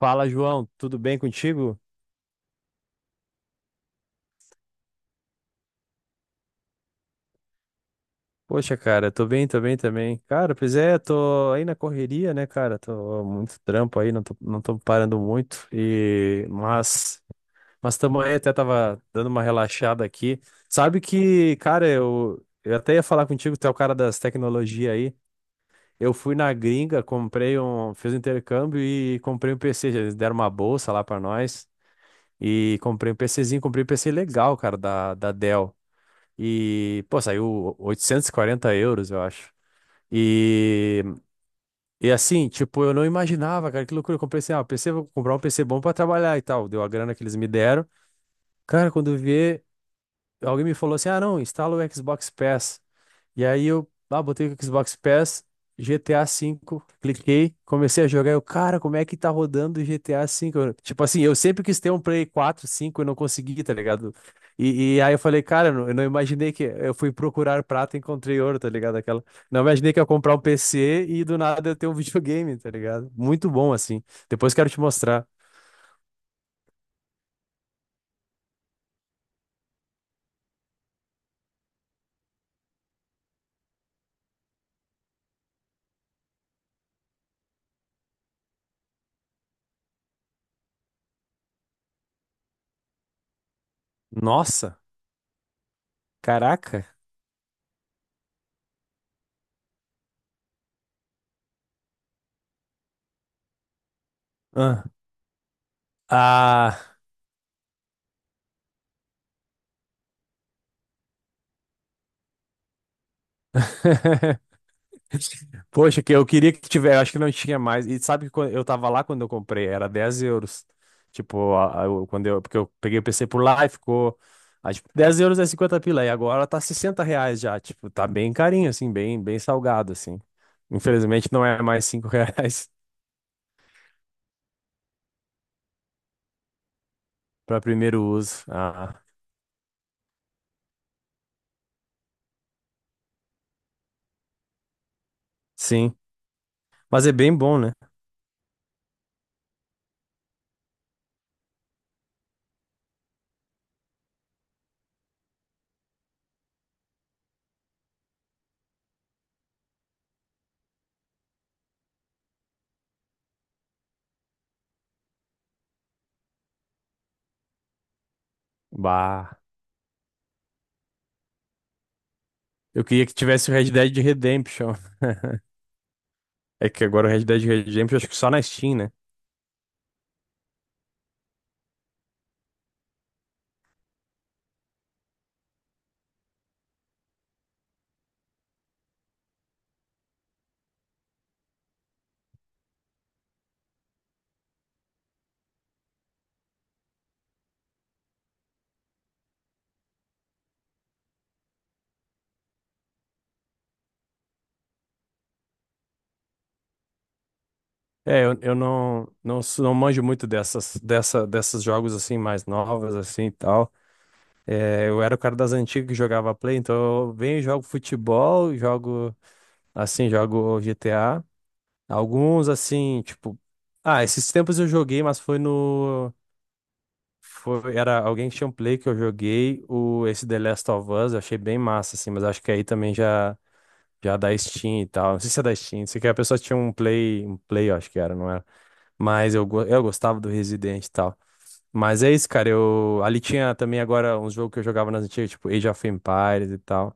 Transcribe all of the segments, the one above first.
Fala, João, tudo bem contigo? Poxa, cara, tô bem também. Cara, pois é, tô aí na correria, né, cara? Tô muito trampo aí, não tô parando muito. E mas também aí, até tava dando uma relaxada aqui. Sabe que, cara, eu até ia falar contigo, tu é o cara das tecnologias aí. Eu fui na gringa, comprei um, fiz um intercâmbio e comprei um PC, eles deram uma bolsa lá pra nós. E comprei um PCzinho, comprei um PC legal, cara, da Dell. E, pô, saiu 840 euros, eu acho. E, e assim, tipo, eu não imaginava, cara, que loucura. Eu comprei assim, ah, PC, vou comprar um PC bom pra trabalhar e tal. Deu a grana que eles me deram. Cara, quando eu vi, alguém me falou assim: ah, não, instala o Xbox Pass. E aí eu, ah, botei o Xbox Pass, GTA V, cliquei, comecei a jogar. Eu, cara, como é que tá rodando o GTA V? Eu, tipo assim, eu sempre quis ter um Play 4 5 e não consegui, tá ligado? E aí eu falei, cara, eu não imaginei que. Eu fui procurar prata e encontrei ouro, tá ligado? Aquela. Não imaginei que eu ia comprar um PC e do nada eu ter um videogame, tá ligado? Muito bom, assim. Depois quero te mostrar. Nossa, caraca. Ah, ah. Poxa, que eu queria que tivesse, acho que não tinha mais. E sabe que eu tava lá quando eu comprei, era 10 euros. Tipo, quando eu, porque eu peguei o PC por lá e ficou, ah, tipo, 10 euros é 50 pila, e agora tá 60 reais já, tipo, tá bem carinho, assim, bem, bem salgado, assim. Infelizmente não é mais 5 reais pra primeiro uso. Ah, sim, mas é bem bom, né? Bah, eu queria que tivesse o Red Dead Redemption. É que agora o Red Dead Redemption, acho que só na Steam, né? É, eu não, não, não manjo muito dessas, dessa, desses jogos assim mais novas assim e tal. É, eu era o cara das antigas que jogava Play, então eu venho e jogo futebol, jogo assim, jogo GTA. Alguns assim, tipo, ah, esses tempos eu joguei, mas foi no foi era alguém que tinha um Play que eu joguei, o esse The Last of Us, eu achei bem massa assim, mas acho que aí também já da Steam e tal. Não sei se é da Steam, não sei que a pessoa tinha um Play, eu acho que era, não era? Mas eu, eu gostava do Resident e tal. Mas é isso, cara. Eu, ali tinha também agora uns jogos que eu jogava nas antigas, tipo Age of Empires e tal.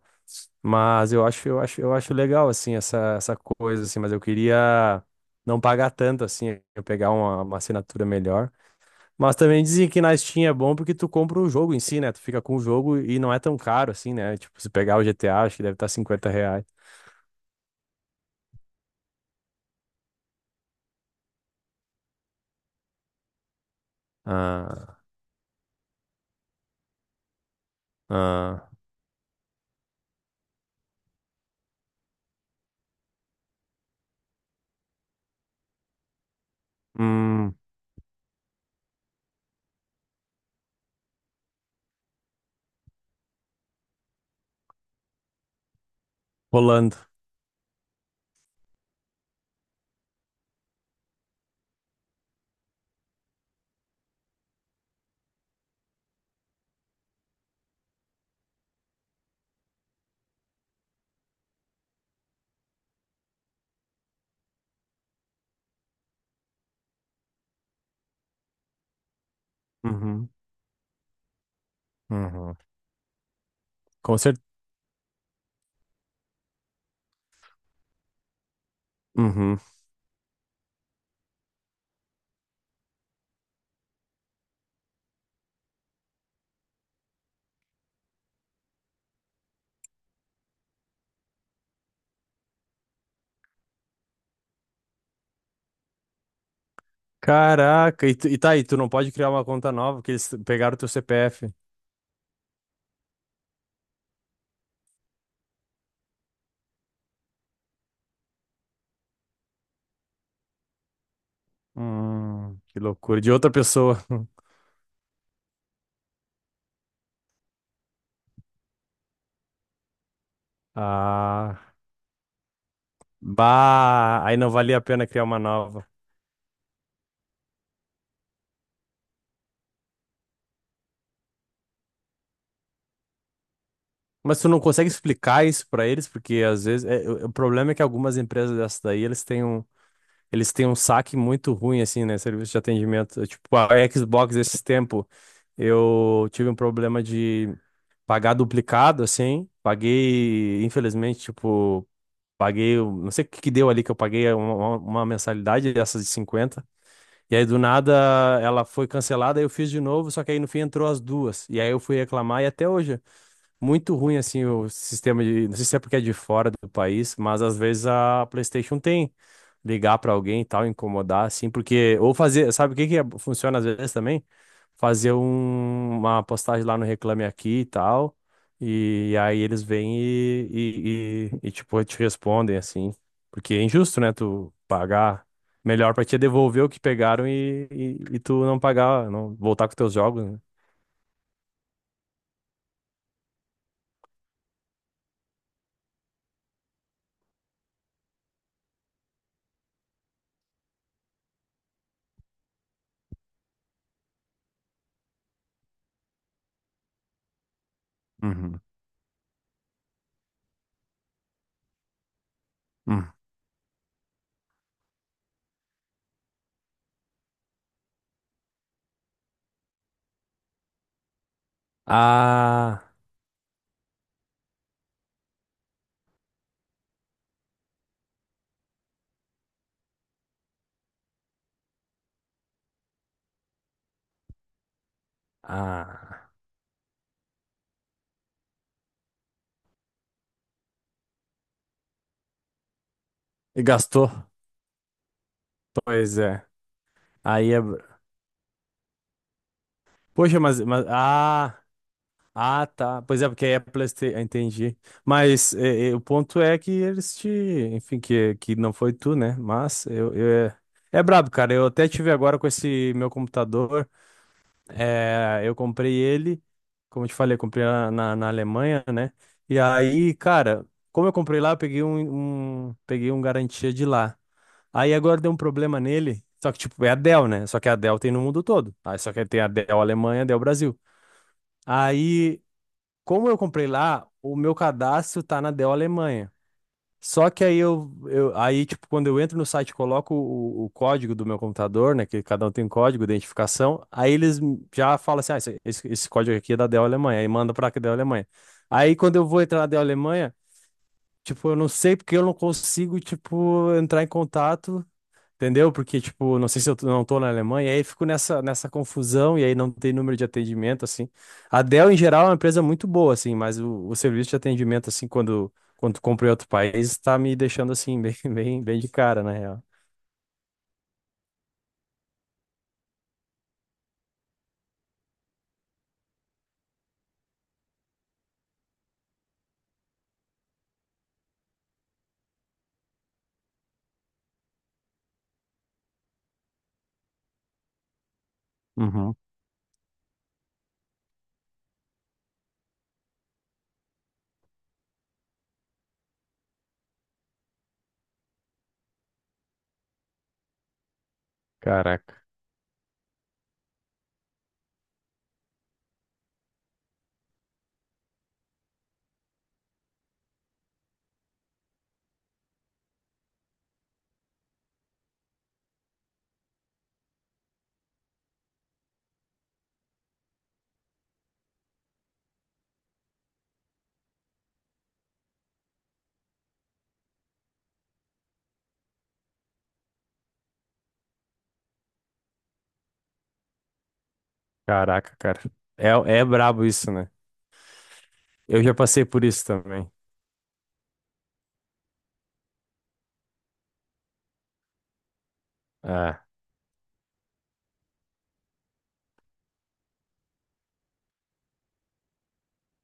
Mas eu acho legal, assim, essa coisa, assim, mas eu queria não pagar tanto, assim, eu pegar uma assinatura melhor. Mas também dizem que na Steam é bom porque tu compra o jogo em si, né? Tu fica com o jogo e não é tão caro, assim, né? Tipo, se pegar o GTA, acho que deve estar 50 reais. Ah, ah, hum, rolando. Uhum, uhum. Com. Uhum. Caraca, e tá aí, tu não pode criar uma conta nova, porque eles pegaram teu CPF. Que loucura, de outra pessoa. Ah, bah, aí não valia a pena criar uma nova. Mas tu não consegue explicar isso pra eles, porque às vezes é, o problema é que algumas empresas dessas daí, eles têm um, saque muito ruim assim, né, serviço de atendimento. Tipo, a Xbox esses tempo, eu tive um problema de pagar duplicado assim, paguei, infelizmente, tipo. Paguei, não sei o que que deu ali que eu paguei uma mensalidade dessas de 50. E aí do nada ela foi cancelada, aí eu fiz de novo, só que aí no fim entrou as duas. E aí eu fui reclamar e até hoje muito ruim assim o sistema de, não sei se é porque é de fora do país, mas às vezes a PlayStation tem ligar pra alguém e tal, incomodar assim, porque ou fazer, sabe o que que funciona às vezes também? Fazer uma postagem lá no Reclame Aqui e tal, e, aí eles vêm e, tipo te respondem assim, porque é injusto, né? Tu pagar melhor pra te devolver o que pegaram e tu não pagar, não voltar com teus jogos, né? Uhum. Uhum. Ah. Ah, e gastou? Pois é. Aí é. Poxa, mas, ah, ah, tá. Pois é, porque aí é PlayStation, entendi. Mas é, o ponto é que eles te, enfim, que não foi tu, né? Mas eu é brabo, cara. Eu até tive agora com esse meu computador. É, eu comprei ele, como eu te falei, eu comprei na Alemanha, né? E aí, cara, como eu comprei lá, eu peguei um garantia de lá. Aí agora deu um problema nele. Só que, tipo, é a Dell, né? Só que a Dell tem no mundo todo. Aí só que tem a Dell Alemanha, a Dell Brasil. Aí, como eu comprei lá, o meu cadastro tá na Dell Alemanha. Só que aí aí, tipo, quando eu entro no site, e coloco o código do meu computador, né? Que cada um tem um código, de identificação. Aí eles já falam assim: ah, esse código aqui é da Dell Alemanha. Aí manda pra Dell Alemanha. Aí quando eu vou entrar na Dell Alemanha, tipo, eu não sei porque eu não consigo, tipo, entrar em contato. Entendeu? Porque, tipo, não sei se eu não tô na Alemanha, aí fico nessa confusão e aí não tem número de atendimento, assim. A Dell, em geral, é uma empresa muito boa, assim, mas o serviço de atendimento, assim, quando tu em outro país, tá me deixando, assim, bem, bem, bem de cara, na real. Uhum. Caraca, caraca, cara. É, é brabo isso, né? Eu já passei por isso também. Ah.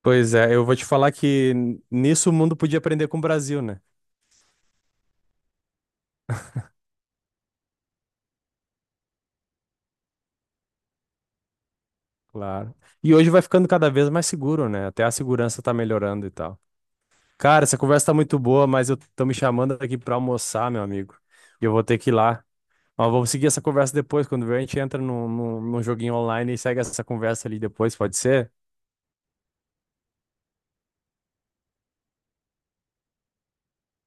Pois é, eu vou te falar que nisso o mundo podia aprender com o Brasil, né? Claro. E hoje vai ficando cada vez mais seguro, né? Até a segurança tá melhorando e tal. Cara, essa conversa tá muito boa, mas eu tô me chamando aqui pra almoçar, meu amigo. E eu vou ter que ir lá. Mas vamos seguir essa conversa depois, quando vier, a gente entra num joguinho online e segue essa conversa ali depois, pode ser?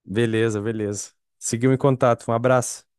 Beleza, beleza. Seguiu em contato. Um abraço.